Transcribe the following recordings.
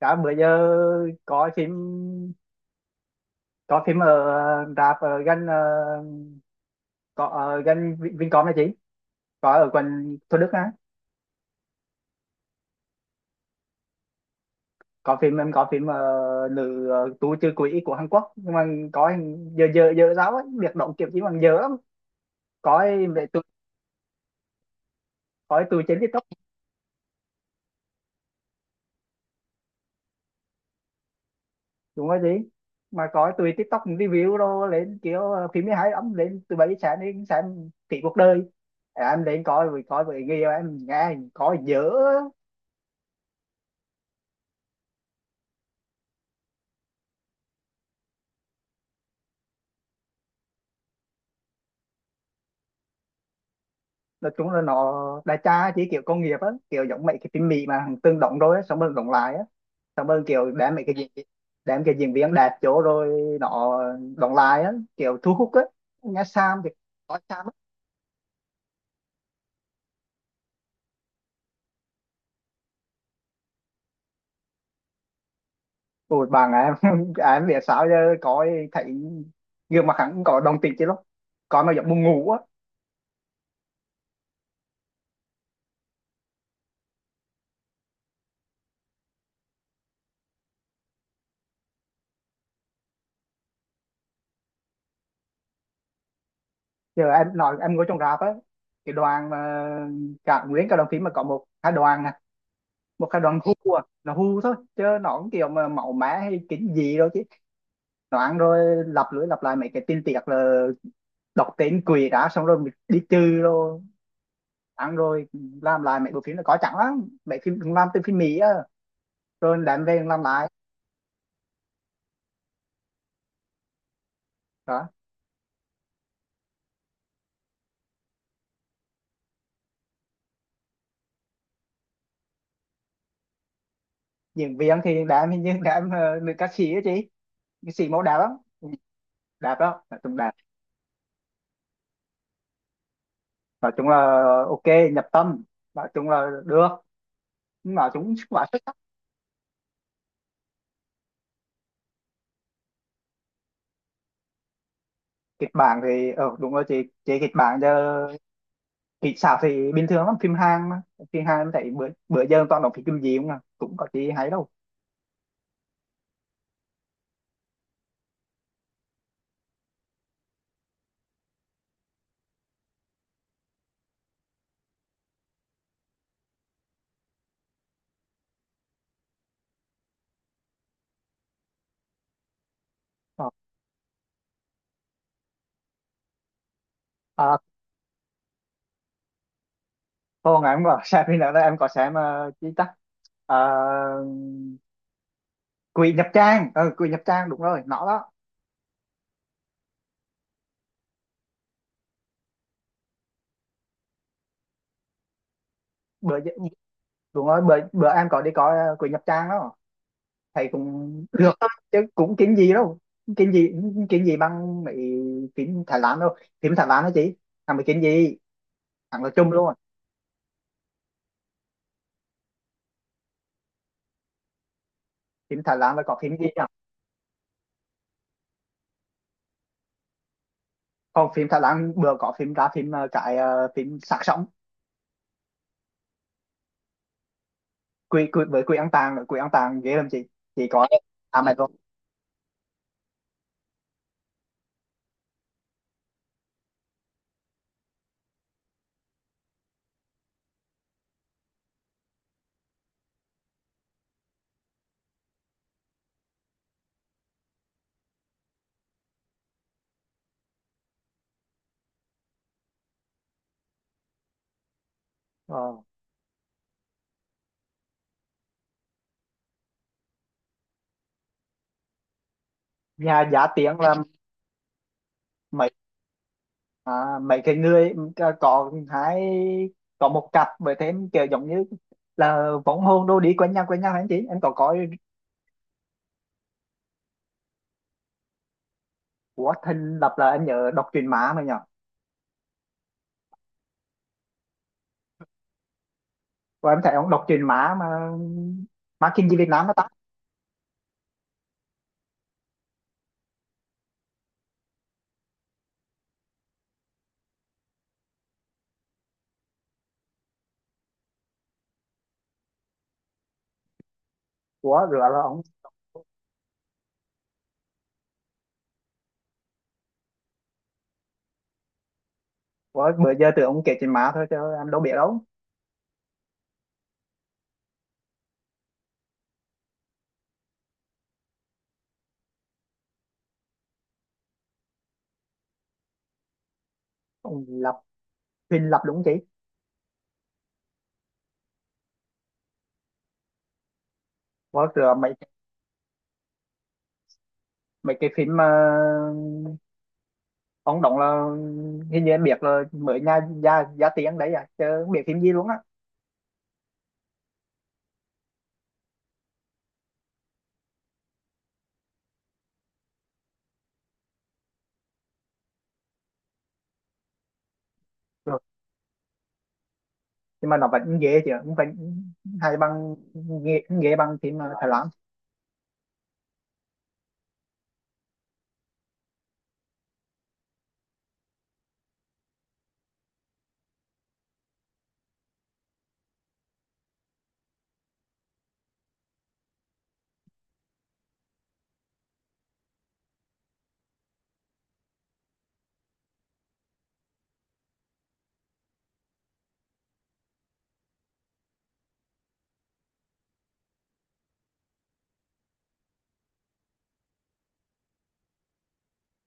Cả bữa giờ có phim có phim ở rạp ở gần có ở gần Vincom này chị, có ở quận Thủ Đức á. Có phim, em có phim nữ tù trừ quỷ của Hàn Quốc, nhưng mà có. Giờ giờ giờ giáo ấy việc động kiểu chỉ bằng giờ lắm, có. Mẹ tụi, có tụi trên TikTok. Đúng rồi chị, mà có tụi TikTok review đồ lên kiểu phim mới hay lắm, lên từ 7 giờ sáng đến sáng tỷ cuộc đời. À, em đến coi rồi coi với người yêu em, nghe có dở. Nói chung là nó đại trà, chỉ kiểu công nghiệp á, kiểu giống mấy cái phim Mỹ mà hàng tương đóng rồi á, xong rồi đóng lại á. Xong rồi kiểu đem mấy cái diễn, đem cái diễn viên đạt chỗ rồi nó đóng lại á, kiểu thu hút á. Nghe Sam thì có Sam á. Ủa bạn em em biết sao giờ, coi thấy gương mặt hắn cũng có đồng tình chứ lắm, coi mà giống buồn ngủ á. Giờ em nói em ngồi trong rạp á, cái đoàn mà cả nguyên cả đoàn phim mà có một hai đoàn nè, một hai đoàn hu à, nó hu thôi chứ nó cũng kiểu mà màu mã hay kính gì đâu chứ. Loạn rồi, lặp lưỡi lặp lại mấy cái tin tiệc là đọc tên quỷ đã xong rồi mình đi trừ rồi, ăn rồi. Làm lại mấy bộ phim là có chẳng lắm mấy phim làm từ phim Mỹ á rồi đem về làm lại đó. Diễn viên thì đem, hình như đem nữ ca sĩ á chị, nữ sĩ mẫu đẹp lắm. Đẹp đó, nói chung đẹp, nói chung là ok, nhập tâm, nói chung là được, nói chung quá xuất sắc. Kịch bản thì đúng rồi chị kịch bản cho thì sao thì bình thường lắm, phim Hàn mà. Phim Hàn em thấy bữa bữa giờ toàn đọc phim gì không à, cũng có gì hay đâu. Ờ. À, cô ngày em có xem phim nào đó, em có xem chi ta. Ờ, Quỷ Nhập Trang, Quỷ Nhập Trang đúng rồi nó đó. bữa giờ- Đúng rồi, bữa bữa em có đi coi Quỷ Nhập Trang đó. Thầy cũng được thôi, chứ cũng kiếm gì đâu, kiếm gì kiếm gì bằng mấy phim Thái Lan đâu, phim Thái Lan đó chị, thằng mấy kiếm gì, thằng là chung luôn. Phim Thái Lan là có phim gì, còn phim Thái Lan vừa có phim ra, phim cái phim Xác Sống. Quỷ với quỷ ăn tàng nữa. Quỷ ăn tàng ghê lắm chị có à mày rồi. Ờ. Nhà giá tiếng là mấy à, mấy cái người có hai, có một cặp với thêm kiểu giống như là võng hồn đô đi quanh nhau hả chị, em có coi. Của thình lập là em nhớ đọc truyền má mà nhở, và em thấy ông đọc truyền má mà má kinh dị Việt Nam nó tắt. Của rửa là ông, của bữa giờ tưởng ông kể truyện má thôi chứ em đâu biết đâu. Ông lập, thình lập đúng không chị. Có sửa mấy mấy cái phim mà ông đóng là, hình như em biết là mới nha gia gia tiếng đấy à chứ không biết phim gì luôn á. Rồi. Nhưng mà nó vẫn ghê chứ, cũng vẫn hay bằng, ghê bằng phim Thái Lan.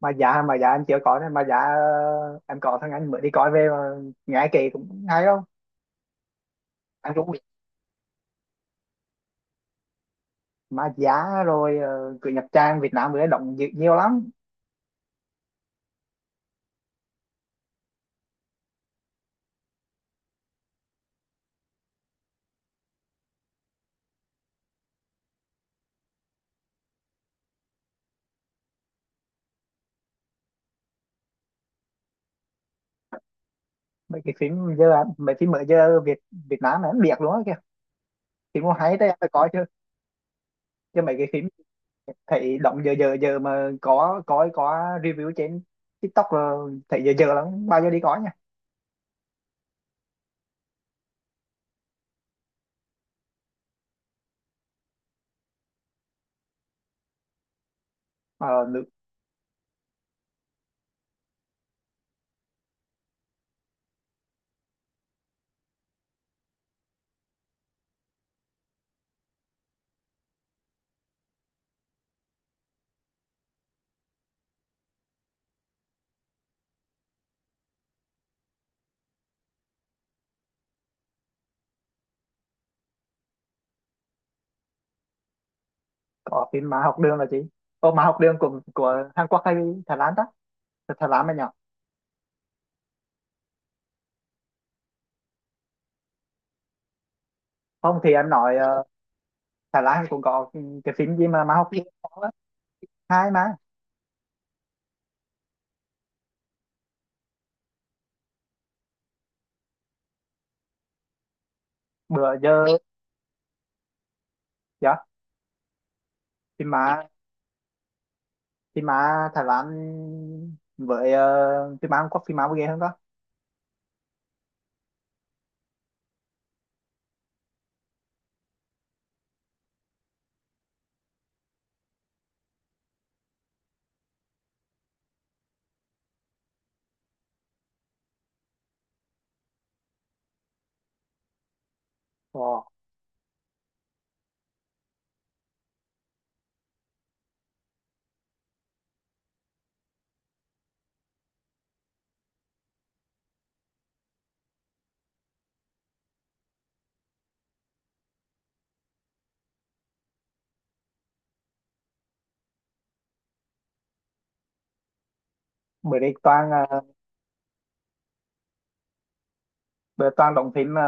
Mà giá em chưa có đấy. Mà giá em có thằng anh mới đi coi về mà nghe kỳ cũng hay không. Anh cũng biết mà giá rồi cứ nhập trang Việt Nam mới đóng nhiều lắm. Mấy cái phim giờ, mấy phim mới giờ Việt Việt Nam em biết luôn á kìa, phim cũng hay đấy, em phải coi chứ. Chứ mấy cái phim thấy động, giờ giờ giờ mà có review trên TikTok là thấy giờ giờ lắm, bao giờ đi có nha mà được. Có phim mà học đường là chị, ô mà học đường của Hàn Quốc hay Thái Lan ta, thật Thái Lan mà nhỏ. Không thì em nói Thái Lan cũng có cái phim gì mà học đường có á. Hai mà, bữa giờ dạ, phim mà phim mà Thái Lan với phim mà Hàn Quốc, phim mà ghê hơn đó. Ồ, bữa đây toàn bữa toàn đóng phim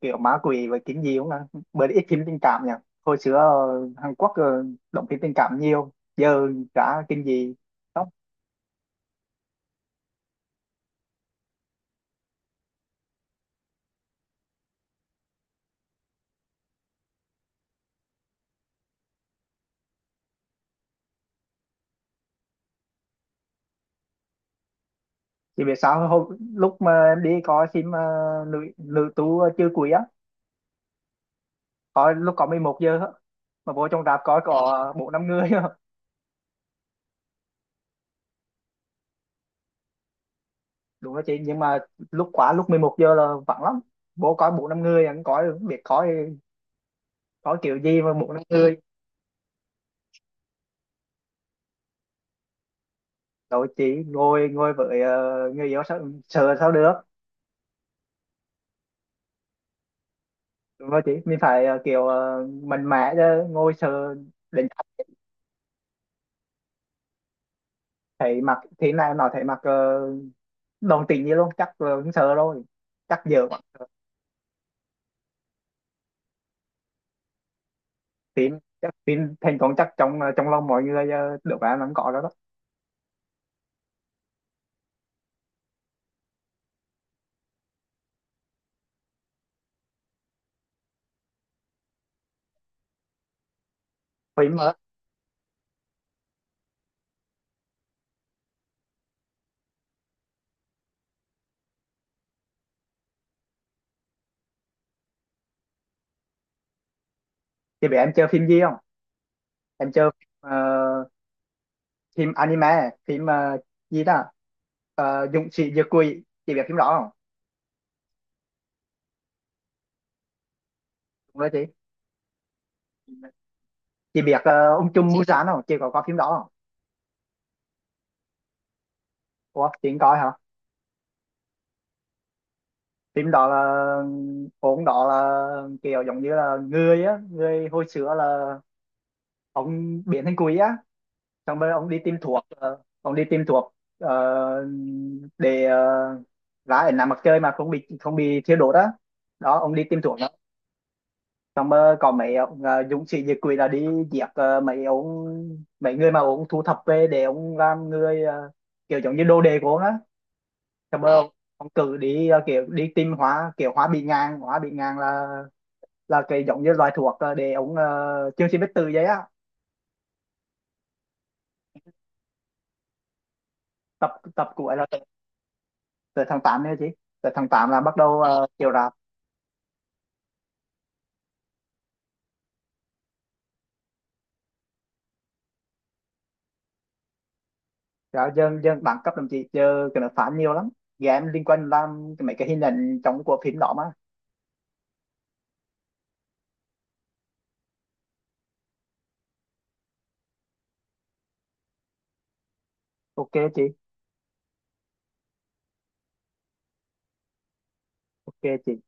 kiểu ma quỷ và kinh dị không ạ? Bữa ít phim tình cảm nhỉ? Hồi xưa Hàn Quốc đóng phim tình cảm nhiều, giờ cả kinh dị không? Chỉ biết sao hồi, lúc mà em đi coi phim nữ nữ tú chưa cuối á, coi lúc có 11 giờ á, mà vô trong rạp coi có bốn năm người á. Đúng đó chị, nhưng mà lúc quá lúc 11 giờ là vắng lắm, vô coi bốn năm người, anh coi không biết coi, coi kiểu gì mà bốn năm người. Rồi chị ngồi ngồi với người yêu sao sợ sao được. Đúng rồi chị, mình phải kiểu mặn mẽ chứ, ngồi sợ. Đến thấy mặt thế này nó thấy mặt uh, đồng tình như luôn, chắc cũng sợ rồi, chắc giờ quá. Phim chắc phim thành công, chắc trong lòng mọi người được bạn vẫn có đó đó. Phim chị biết em chơi phim gì không, em chơi ờ, phim anime, phim gì đó, Dũng sĩ diệt quỷ chị biết phim đó không. Đúng rồi chị. Chị biết ông Trùm chị Busan không, chị có coi phim đó không. Ủa chị không coi hả. Phim đó là ông đó là kiểu giống như là người á, người hồi xưa là ông biến thành quỷ á. Xong rồi ông đi tìm thuốc ông đi tìm thuốc để ra ở nằm mặt trời mà không bị thiêu đốt á, đó ông đi tìm thuốc đó. Xong rồi có mấy ông dũng sĩ diệt quỷ là đi giết mấy ông, mấy người mà ông thu thập về để ông làm người kiểu giống như đồ đề của ông á. Xong rồi ông cử đi kiểu đi tìm hóa, kiểu hóa bị ngang, hóa bị ngang là cái giống như loại thuốc để ống chương trình biết từ giấy á. Tập tập của ấy là từ tháng 8 nha chị, từ tháng 8 là bắt đầu chiều rạp. Rồi dân dân đẳng cấp đồng chí giờ cái nó phán nhiều lắm, game liên quan làm mấy cái hình ảnh trong của phim đó mà. Ok chị. Ok chị.